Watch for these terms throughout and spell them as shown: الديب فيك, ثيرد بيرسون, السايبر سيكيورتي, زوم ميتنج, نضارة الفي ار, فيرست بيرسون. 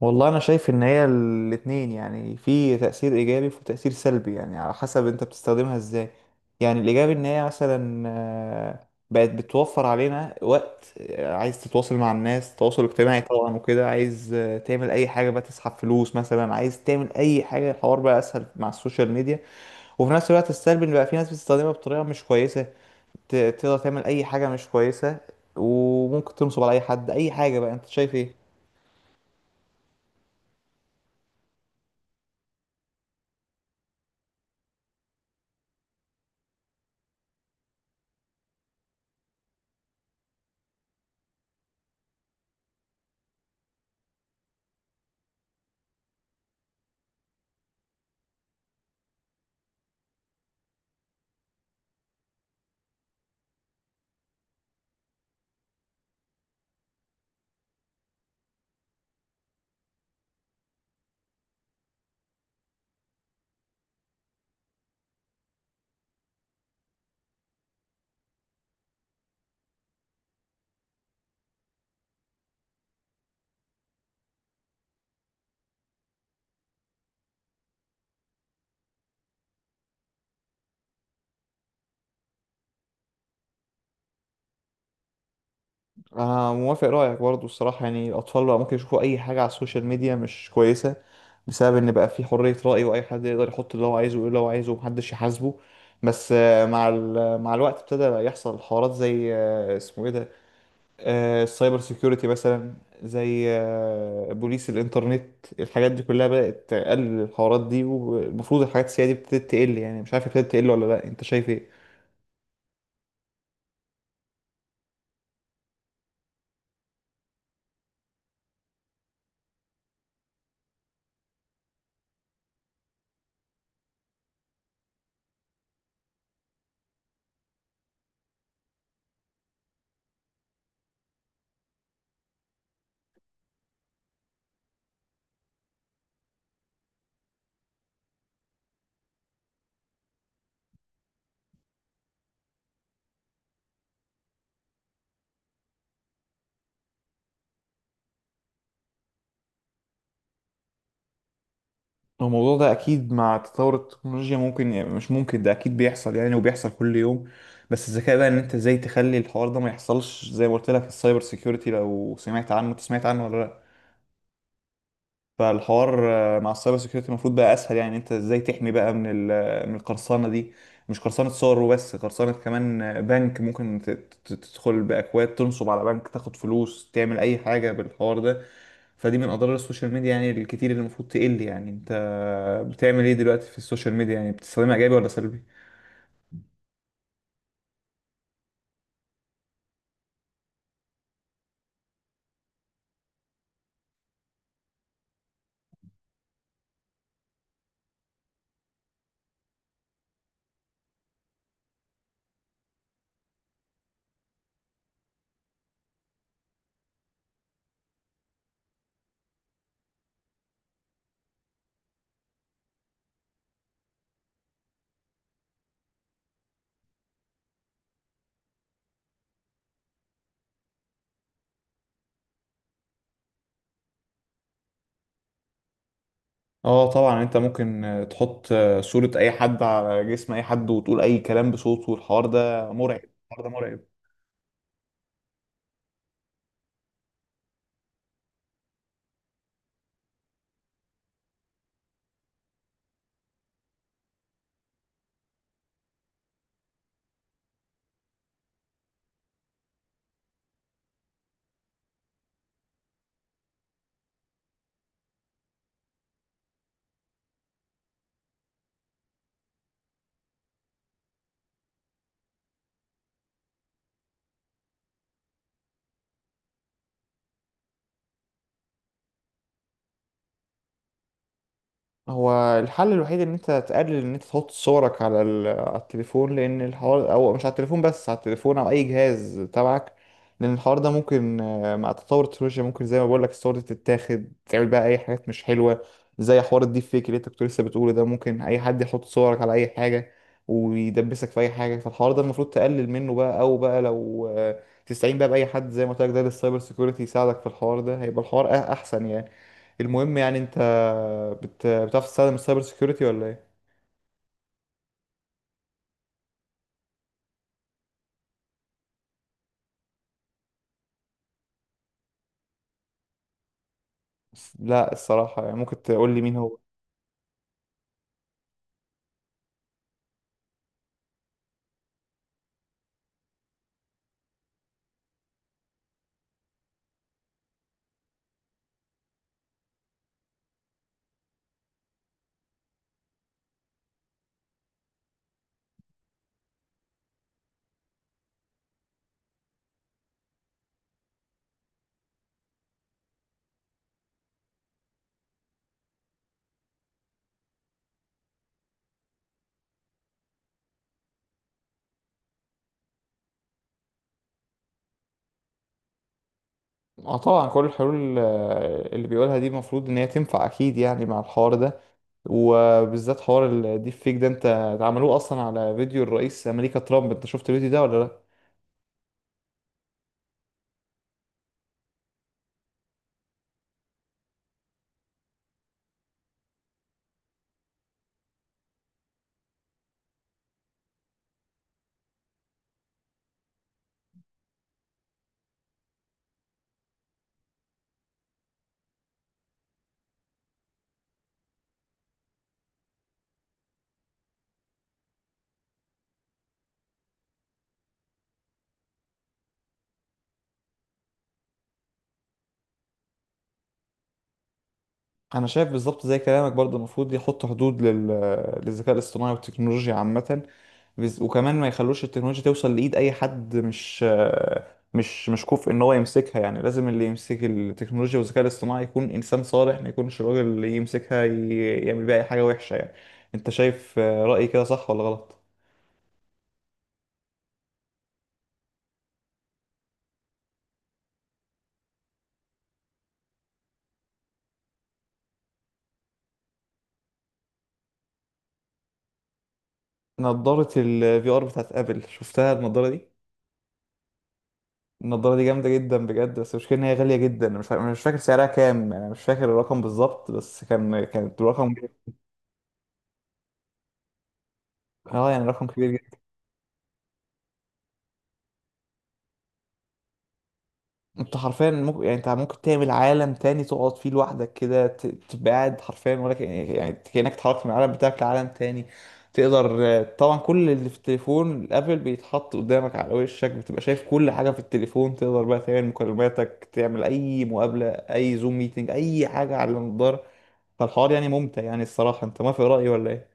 والله انا شايف ان هي الاتنين يعني في تأثير ايجابي وفي تأثير سلبي يعني على حسب انت بتستخدمها ازاي. يعني الايجابي ان هي مثلا بقت بتوفر علينا وقت. عايز تتواصل مع الناس تواصل اجتماعي طبعا وكده، عايز تعمل اي حاجة بقى، تسحب فلوس مثلا، عايز تعمل اي حاجة، الحوار بقى اسهل مع السوشيال ميديا. وفي نفس الوقت السلبي ان بقى في ناس بتستخدمها بطريقة مش كويسة، تقدر تعمل اي حاجة مش كويسة، وممكن تنصب على اي حد اي حاجة. بقى انت شايف ايه؟ أنا موافق رأيك برضو الصراحة، يعني الأطفال بقى ممكن يشوفوا أي حاجة على السوشيال ميديا مش كويسة، بسبب إن بقى في حرية رأي وأي حد يقدر يحط اللي هو عايزه ويقول اللي هو عايزه ومحدش يحاسبه. بس مع الوقت ابتدى بقى يحصل حوارات زي، اسمه إيه ده، السايبر سيكيورتي مثلا، زي بوليس الإنترنت. الحاجات دي كلها بدأت تقلل الحوارات دي، والمفروض الحاجات السيئة دي ابتدت تقل. يعني مش عارف ابتدت تقل ولا لأ، أنت شايف إيه؟ الموضوع ده اكيد مع تطور التكنولوجيا ممكن، يعني مش ممكن، ده اكيد بيحصل يعني، وبيحصل كل يوم. بس الذكاء بقى ان انت ازاي تخلي الحوار ده ما يحصلش. زي ما قلت لك، السايبر سيكيورتي، لو سمعت عنه، انت سمعت عنه ولا لا؟ فالحوار مع السايبر سيكيورتي المفروض بقى اسهل، يعني انت ازاي تحمي بقى من من القرصنه دي. مش قرصنه صور وبس، قرصنه كمان بنك، ممكن تدخل باكواد تنصب على بنك، تاخد فلوس، تعمل اي حاجه بالحوار ده. فدي من اضرار السوشيال ميديا يعني الكتير اللي المفروض تقل. يعني انت بتعمل ايه دلوقتي في السوشيال ميديا؟ يعني بتستخدمها ايجابي ولا سلبي؟ اه طبعا، انت ممكن تحط صورة اي حد على جسم اي حد وتقول اي كلام بصوته، والحوار ده مرعب. الحوار ده مرعب. هو الحل الوحيد ان انت تقلل ان انت تحط صورك على على التليفون، لان الحوار، او مش على التليفون بس، على التليفون او اي جهاز تبعك، لان الحوار ده ممكن مع تطور التكنولوجيا ممكن، زي ما بقول لك، الصور دي تتاخد تعمل بقى اي حاجات مش حلوه، زي حوار الديب فيك اللي انت كنت لسه بتقوله ده. ممكن اي حد يحط صورك على اي حاجه ويدبسك في اي حاجه. فالحوار ده المفروض تقلل منه بقى، او بقى لو تستعين بقى باي حد، زي ما قلت لك ده، للسايبر سيكيورتي يساعدك في الحوار ده، هيبقى الحوار احسن يعني. المهم يعني انت بتعرف تستخدم السايبر سيكيورتي ولا ايه؟ لا الصراحة، يعني ممكن تقول لي مين هو؟ اه طبعا، كل الحلول اللي بيقولها دي المفروض ان هي تنفع اكيد يعني، مع الحوار ده وبالذات حوار الديب فيك ده. انت، ده عملوه اصلا على فيديو الرئيس امريكا ترامب، انت شفت الفيديو ده ولا لا؟ انا شايف بالظبط زي كلامك برضه، المفروض يحط حدود لل... للذكاء الاصطناعي والتكنولوجيا عامه. وكمان ما يخلوش التكنولوجيا توصل لايد اي حد مش كفء ان هو يمسكها. يعني لازم اللي يمسك التكنولوجيا والذكاء الاصطناعي يكون انسان صالح، ما يكونش الراجل اللي يمسكها ي... يعمل بيها اي حاجه وحشه يعني. انت شايف رايي كده صح ولا غلط؟ نضاره الفي ار بتاعت ابل، شفتها النضاره دي؟ النضارة دي جامدة جدا بجد، بس المشكلة إن هي غالية جدا. أنا مش فا- أنا مش فاكر سعرها كام يعني، أنا مش فاكر الرقم بالظبط، بس كانت رقم. اه يعني رقم كبير جدا. أنت حرفيا ممكن، يعني أنت ممكن تعمل عالم تاني تقعد فيه لوحدك كده، تبقى قاعد حرفيا، ولا يعني كأنك اتحركت من العالم بتاعك لعالم تاني. تقدر طبعا كل اللي في التليفون الابل بيتحط قدامك على وشك، بتبقى شايف كل حاجة في التليفون، تقدر بقى تعمل مكالماتك، تعمل أي مقابلة، أي زوم ميتنج، أي حاجة على النضارة. فالحوار يعني ممتع يعني الصراحة. انت موافق رأيي ولا ايه؟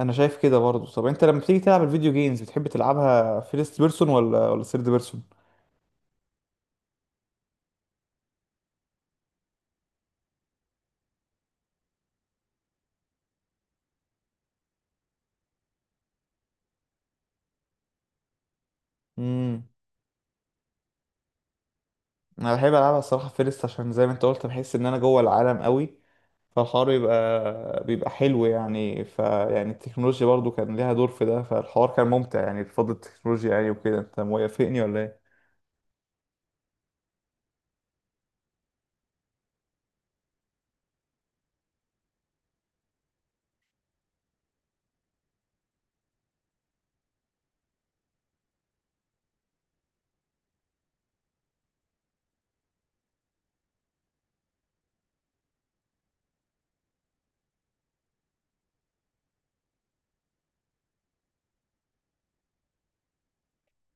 انا شايف كده برضو. طب انت لما بتيجي تلعب الفيديو جيمز، بتحب تلعبها فيرست بيرسون ولا ثيرد بيرسون؟ امم انا بحب العبها الصراحة فيرست، عشان زي ما انت قلت بحس ان انا جوه العالم قوي. فالحوار بيبقى حلو يعني. فيعني التكنولوجيا برضو كان ليها دور في ده، فالحوار كان ممتع يعني بفضل التكنولوجيا يعني. وكده انت موافقني ولا ايه؟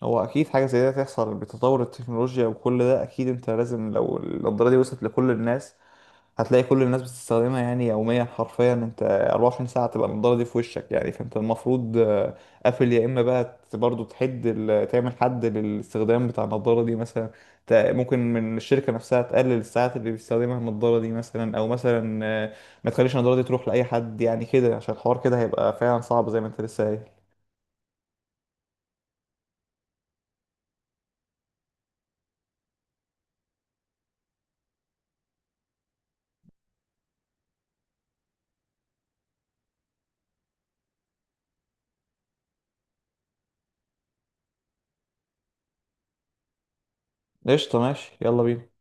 هو اكيد حاجه زي ده تحصل بتطور التكنولوجيا وكل ده اكيد. انت لازم، لو النضاره دي وصلت لكل الناس هتلاقي كل الناس بتستخدمها يعني يوميا حرفيا، انت 24 ساعة تبقى النضارة دي في وشك يعني. فانت المفروض قافل، يا اما بقى برضو تحد تعمل حد للاستخدام بتاع النضارة دي مثلا. ممكن من الشركة نفسها تقلل الساعات اللي بيستخدمها النضارة دي مثلا، او مثلا ما تخليش النضارة دي تروح لأي حد يعني كده، عشان الحوار كده هيبقى فعلا صعب زي ما انت لسه قايل. قشطة، ماشي، يلا بينا.